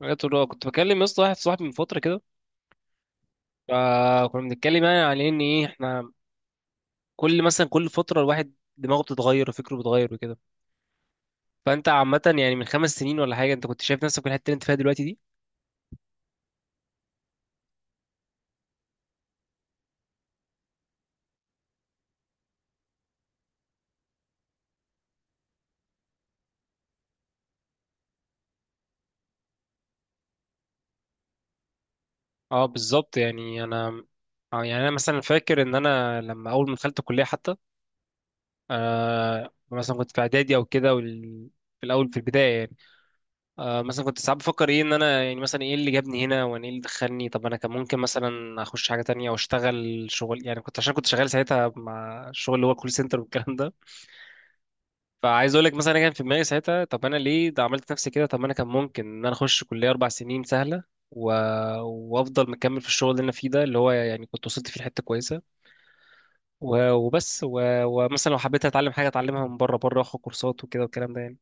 حاجات الرؤى كنت بكلم يا اسطى واحد صاحبي من فتره كده. فكنا بنتكلم يعني على ان ايه احنا كل فتره الواحد دماغه بتتغير وفكره بيتغير وكده. فانت عامه يعني من 5 سنين ولا حاجه انت كنت شايف نفسك في الحته اللي انت فيها دلوقتي دي؟ اه بالظبط، يعني انا اه يعني انا مثلا فاكر ان انا لما اول ما دخلت الكليه حتى، مثلا كنت في اعدادي او كده في الاول في البدايه. مثلا كنت ساعات بفكر ايه، ان انا يعني مثلا ايه اللي جابني هنا، وانا ايه اللي دخلني، طب انا كان ممكن مثلا اخش حاجه تانية او اشتغل شغل، يعني كنت عشان كنت شغال ساعتها مع الشغل اللي هو كول سنتر والكلام ده. فعايز اقول لك مثلا انا كان في دماغي ساعتها، طب انا ليه ده عملت نفسي كده؟ طب ما انا كان ممكن ان انا اخش كليه 4 سنين سهله و... وافضل مكمل في الشغل اللي انا فيه ده، اللي هو يعني كنت وصلت فيه لحته كويسه ومثلا لو حبيت اتعلم حاجه اتعلمها من بره بره، واخد كورسات وكده والكلام ده يعني.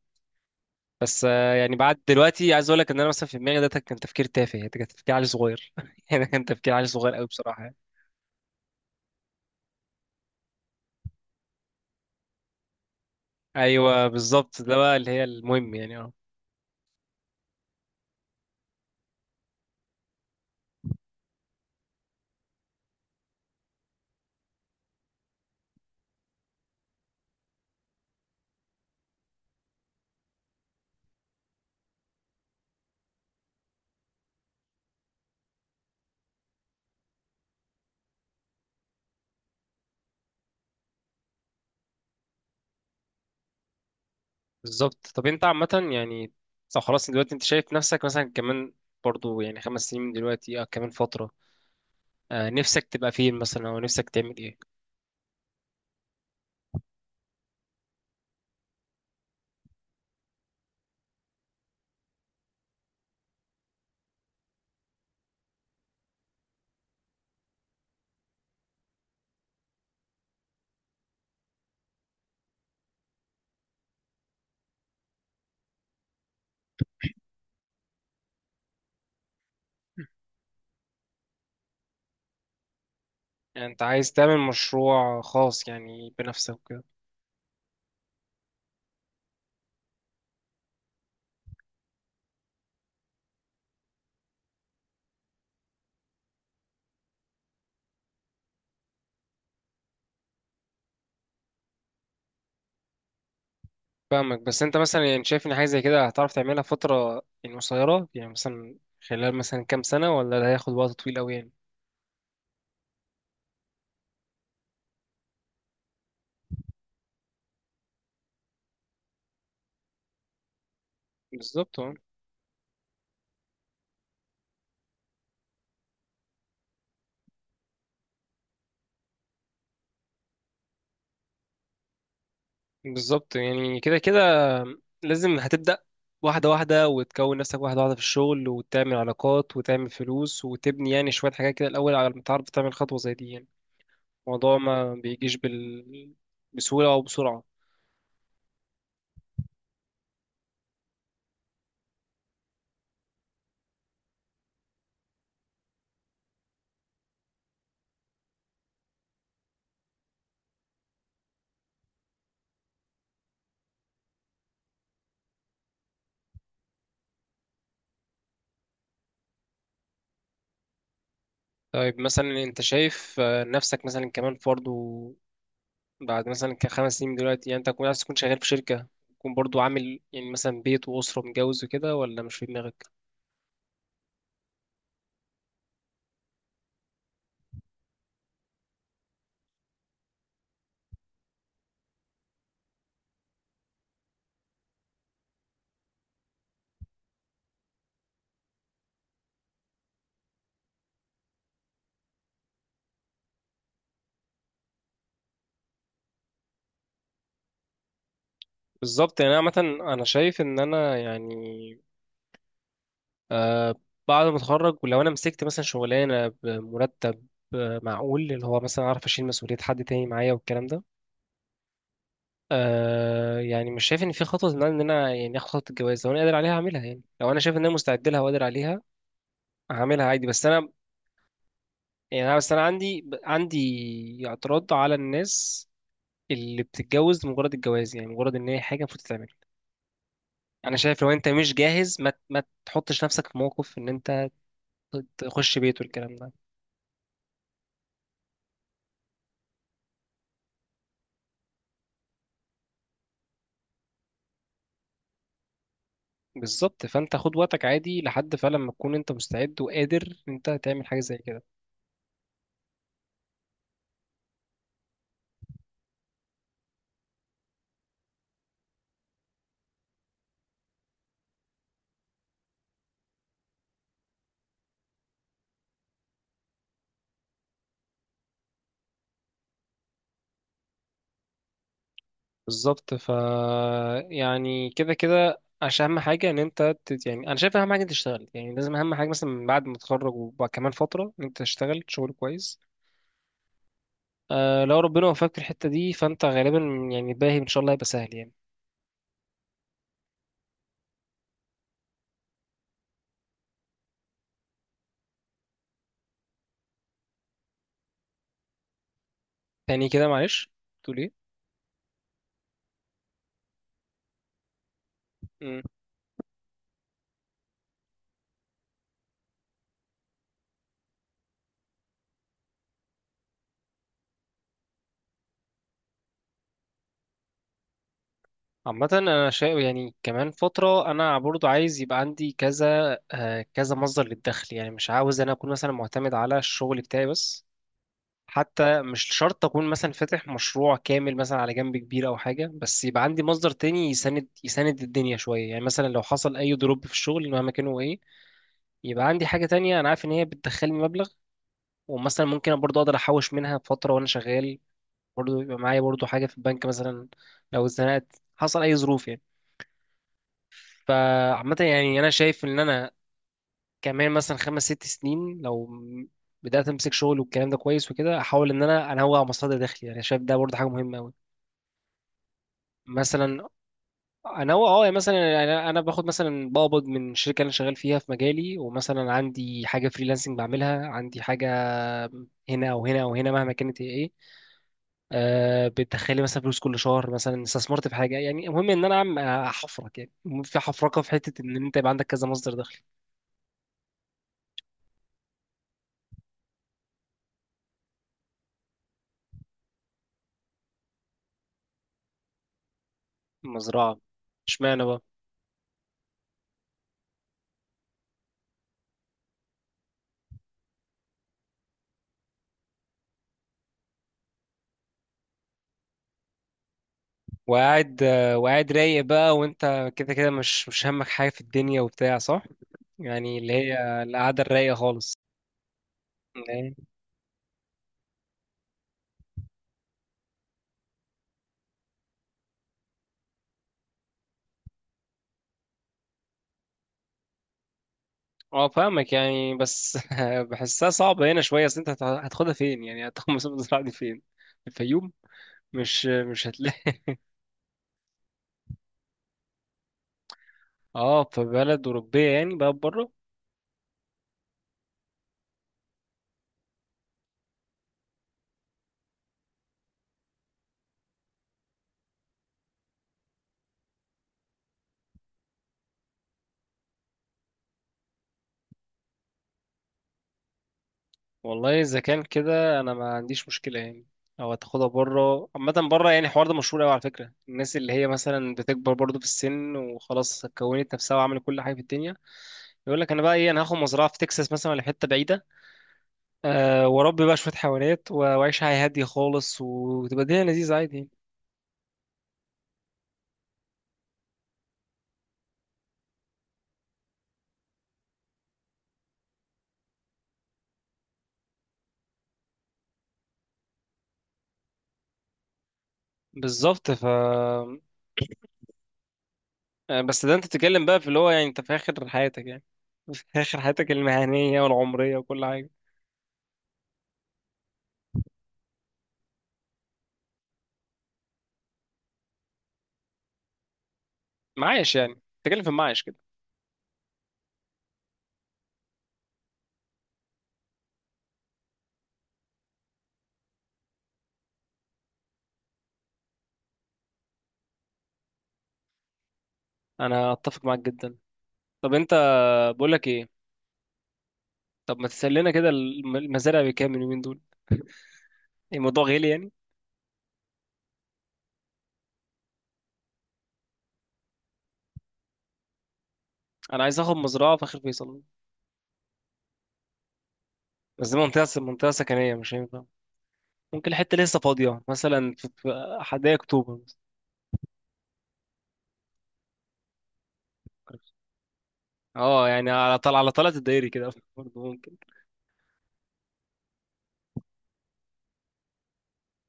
بس يعني بعد دلوقتي عايز اقول لك ان انا مثلا في دماغي ده كان تفكير تافه، ده كان تفكير عيل صغير يعني كان تفكير عيل صغير قوي بصراحه يعني. ايوه بالظبط، ده بقى اللي هي المهم يعني، اه بالظبط. طب انت عامه يعني، طب خلاص دلوقتي انت شايف نفسك مثلا كمان برضو، يعني 5 سنين من دلوقتي او كمان فتره، نفسك تبقى فين مثلا او نفسك تعمل ايه؟ يعني انت عايز تعمل مشروع خاص يعني بنفسك. فاهمك، بس انت مثلا يعني شايف ان حاجه زي كده هتعرف تعملها في فتره يعني قصيره، يعني مثلا خلال مثلا كام سنه، ولا ده هياخد وقت طويل قوي يعني؟ بالظبط، اه بالظبط. يعني كده كده لازم هتبدا واحده واحده، وتكون نفسك واحده واحده في الشغل، وتعمل علاقات وتعمل فلوس، وتبني يعني شويه حاجات كده الاول على ما تعرف تعمل خطوه زي دي يعني. الموضوع ما بيجيش بسهوله او بسرعه. طيب مثلا انت شايف، نفسك مثلا كمان فرد، بعد مثلا ك5 سنين من دلوقتي، يعني انت تكون عايز تكون شغال في شركة، تكون برضو عامل يعني مثلا بيت وأسرة متجوز وكده، ولا مش في دماغك؟ بالظبط، يعني انا عامة انا شايف ان انا يعني، آه بعد ما اتخرج، ولو انا مسكت مثلا شغلانة بمرتب معقول، اللي هو مثلا اعرف اشيل مسؤولية حد تاني معايا والكلام ده، يعني مش شايف ان في خطوة، ان انا إن أنا يعني اخد خطوة الجواز. لو انا قادر عليها هعملها، يعني لو انا شايف ان انا مستعد لها وقادر عليها هعملها عادي. بس انا يعني بس انا عندي اعتراض على الناس اللي بتتجوز لمجرد الجواز، يعني مجرد ان هي حاجه المفروض تتعمل. انا شايف لو انت مش جاهز ما تحطش نفسك في موقف ان انت تخش بيت والكلام ده. بالظبط، فانت خد وقتك عادي لحد فعلا ما تكون انت مستعد وقادر ان انت تعمل حاجه زي كده. بالظبط ف، يعني كده كده عشان اهم حاجه ان انت يعني انا شايف اهم حاجه انت تشتغل، يعني لازم اهم حاجه مثلا من بعد ما تتخرج وبعد كمان فتره ان انت تشتغل شغل كويس. لو ربنا وفقك في الحته دي فانت غالبا، يعني الباقي ان شاء الله هيبقى سهل يعني. تاني كده معلش، تقول ايه؟ مم. عامة انا شايف يعني كمان فترة انا برضو عايز يبقى عندي كذا، كذا مصدر للدخل، يعني مش عاوز انا اكون مثلا معتمد على الشغل بتاعي بس. حتى مش شرط اكون مثلا فاتح مشروع كامل مثلا على جنب كبير او حاجة، بس يبقى عندي مصدر تاني يساند يساند الدنيا شوية يعني. مثلا لو حصل اي دروب في الشغل مهما كان هو ايه، يبقى عندي حاجة تانية انا عارف ان هي بتدخلني مبلغ، ومثلا ممكن برضو اقدر احوش منها فترة وانا شغال، برضه يبقى معايا برضه حاجة في البنك مثلا لو اتزنقت حصل أي ظروف يعني. فعامة يعني أنا شايف إن أنا كمان مثلا 5 6 سنين، بدأت أمسك شغل والكلام ده كويس وكده، أحاول إن أنا أنوع مصادر دخلي، يعني شايف ده برضه حاجة مهمة أوي. مثلا أنوع، أه يعني مثلا أنا باخد مثلا بقبض من الشركة اللي أنا شغال فيها في مجالي، ومثلا عندي حاجة فريلانسنج بعملها، عندي حاجة هنا أو هنا أو هنا مهما كانت هي إيه، بتدخلي مثلا فلوس كل شهر، مثلا استثمرت في حاجه يعني. المهم ان انا عم احفرك يعني، المهم في حفرقه في حته ان انت يبقى عندك كذا مصدر دخل. مزرعه! اشمعنى بقى؟ وقاعد، وقاعد رايق بقى، وانت كده كده مش مش همك حاجه في الدنيا وبتاع، صح؟ يعني اللي هي القعده الرايقه خالص. إيه؟ اه فاهمك يعني، بس بحسها صعبه هنا شويه. اصل انت هتاخدها فين يعني؟ هتاخد مثلا المزرعه دي فين؟ الفيوم؟ مش مش هتلاقي. اه في بلد اوروبيه يعني بقى بره. والله اذا كان كده انا ما عنديش مشكله يعني. او هتاخدها بره، عامه بره. يعني الحوار ده مشهور قوي على فكره، الناس اللي هي مثلا بتكبر برضو في السن وخلاص كونت نفسها وعملت كل حاجه في الدنيا، يقول لك انا بقى ايه، انا هاخد مزرعه في تكساس مثلا ولا في حته بعيده، أه واربي بقى شويه حيوانات واعيش حياه هاديه خالص، وتبقى الدنيا لذيذه عادي يعني. بالظبط ف، بس ده انت بتتكلم بقى في اللي هو يعني انت في اخر حياتك يعني، في اخر حياتك المهنيه والعمريه وكل حاجه. معايش يعني، بتتكلم في المعايش كده. انا اتفق معاك جدا. طب انت، بقول لك ايه، طب ما تسال لنا كده المزارع بكام اليومين دول؟ يعني الموضوع غالي يعني؟ انا عايز اخد مزرعه في اخر فيصل. بس دي منطقه سكنيه مش هينفع. ممكن الحته لسه فاضيه مثلا في حدائق اكتوبر مثلا. اه يعني على طلع على طلعة الدائري كده، برضه ممكن.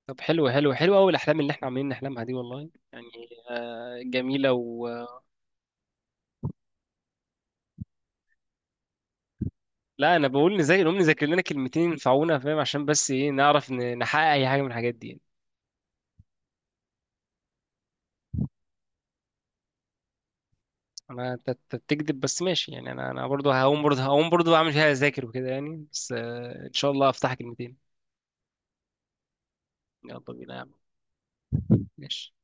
طب حلو حلو حلو قوي الاحلام اللي احنا عاملين نحلمها دي والله يعني. جميله لا انا بقول نذاكر، نقوم نذاكر لنا كلمتين ينفعونا فاهم، عشان بس ايه نعرف نحقق اي حاجه من الحاجات دي يعني. انا، انت أنت بتكذب بس ماشي يعني. انا، انا برضه هقوم اعمل فيها اذاكر وكده يعني، بس ان شاء الله افتح كلمتين. يلا بينا يا عم. ماشي.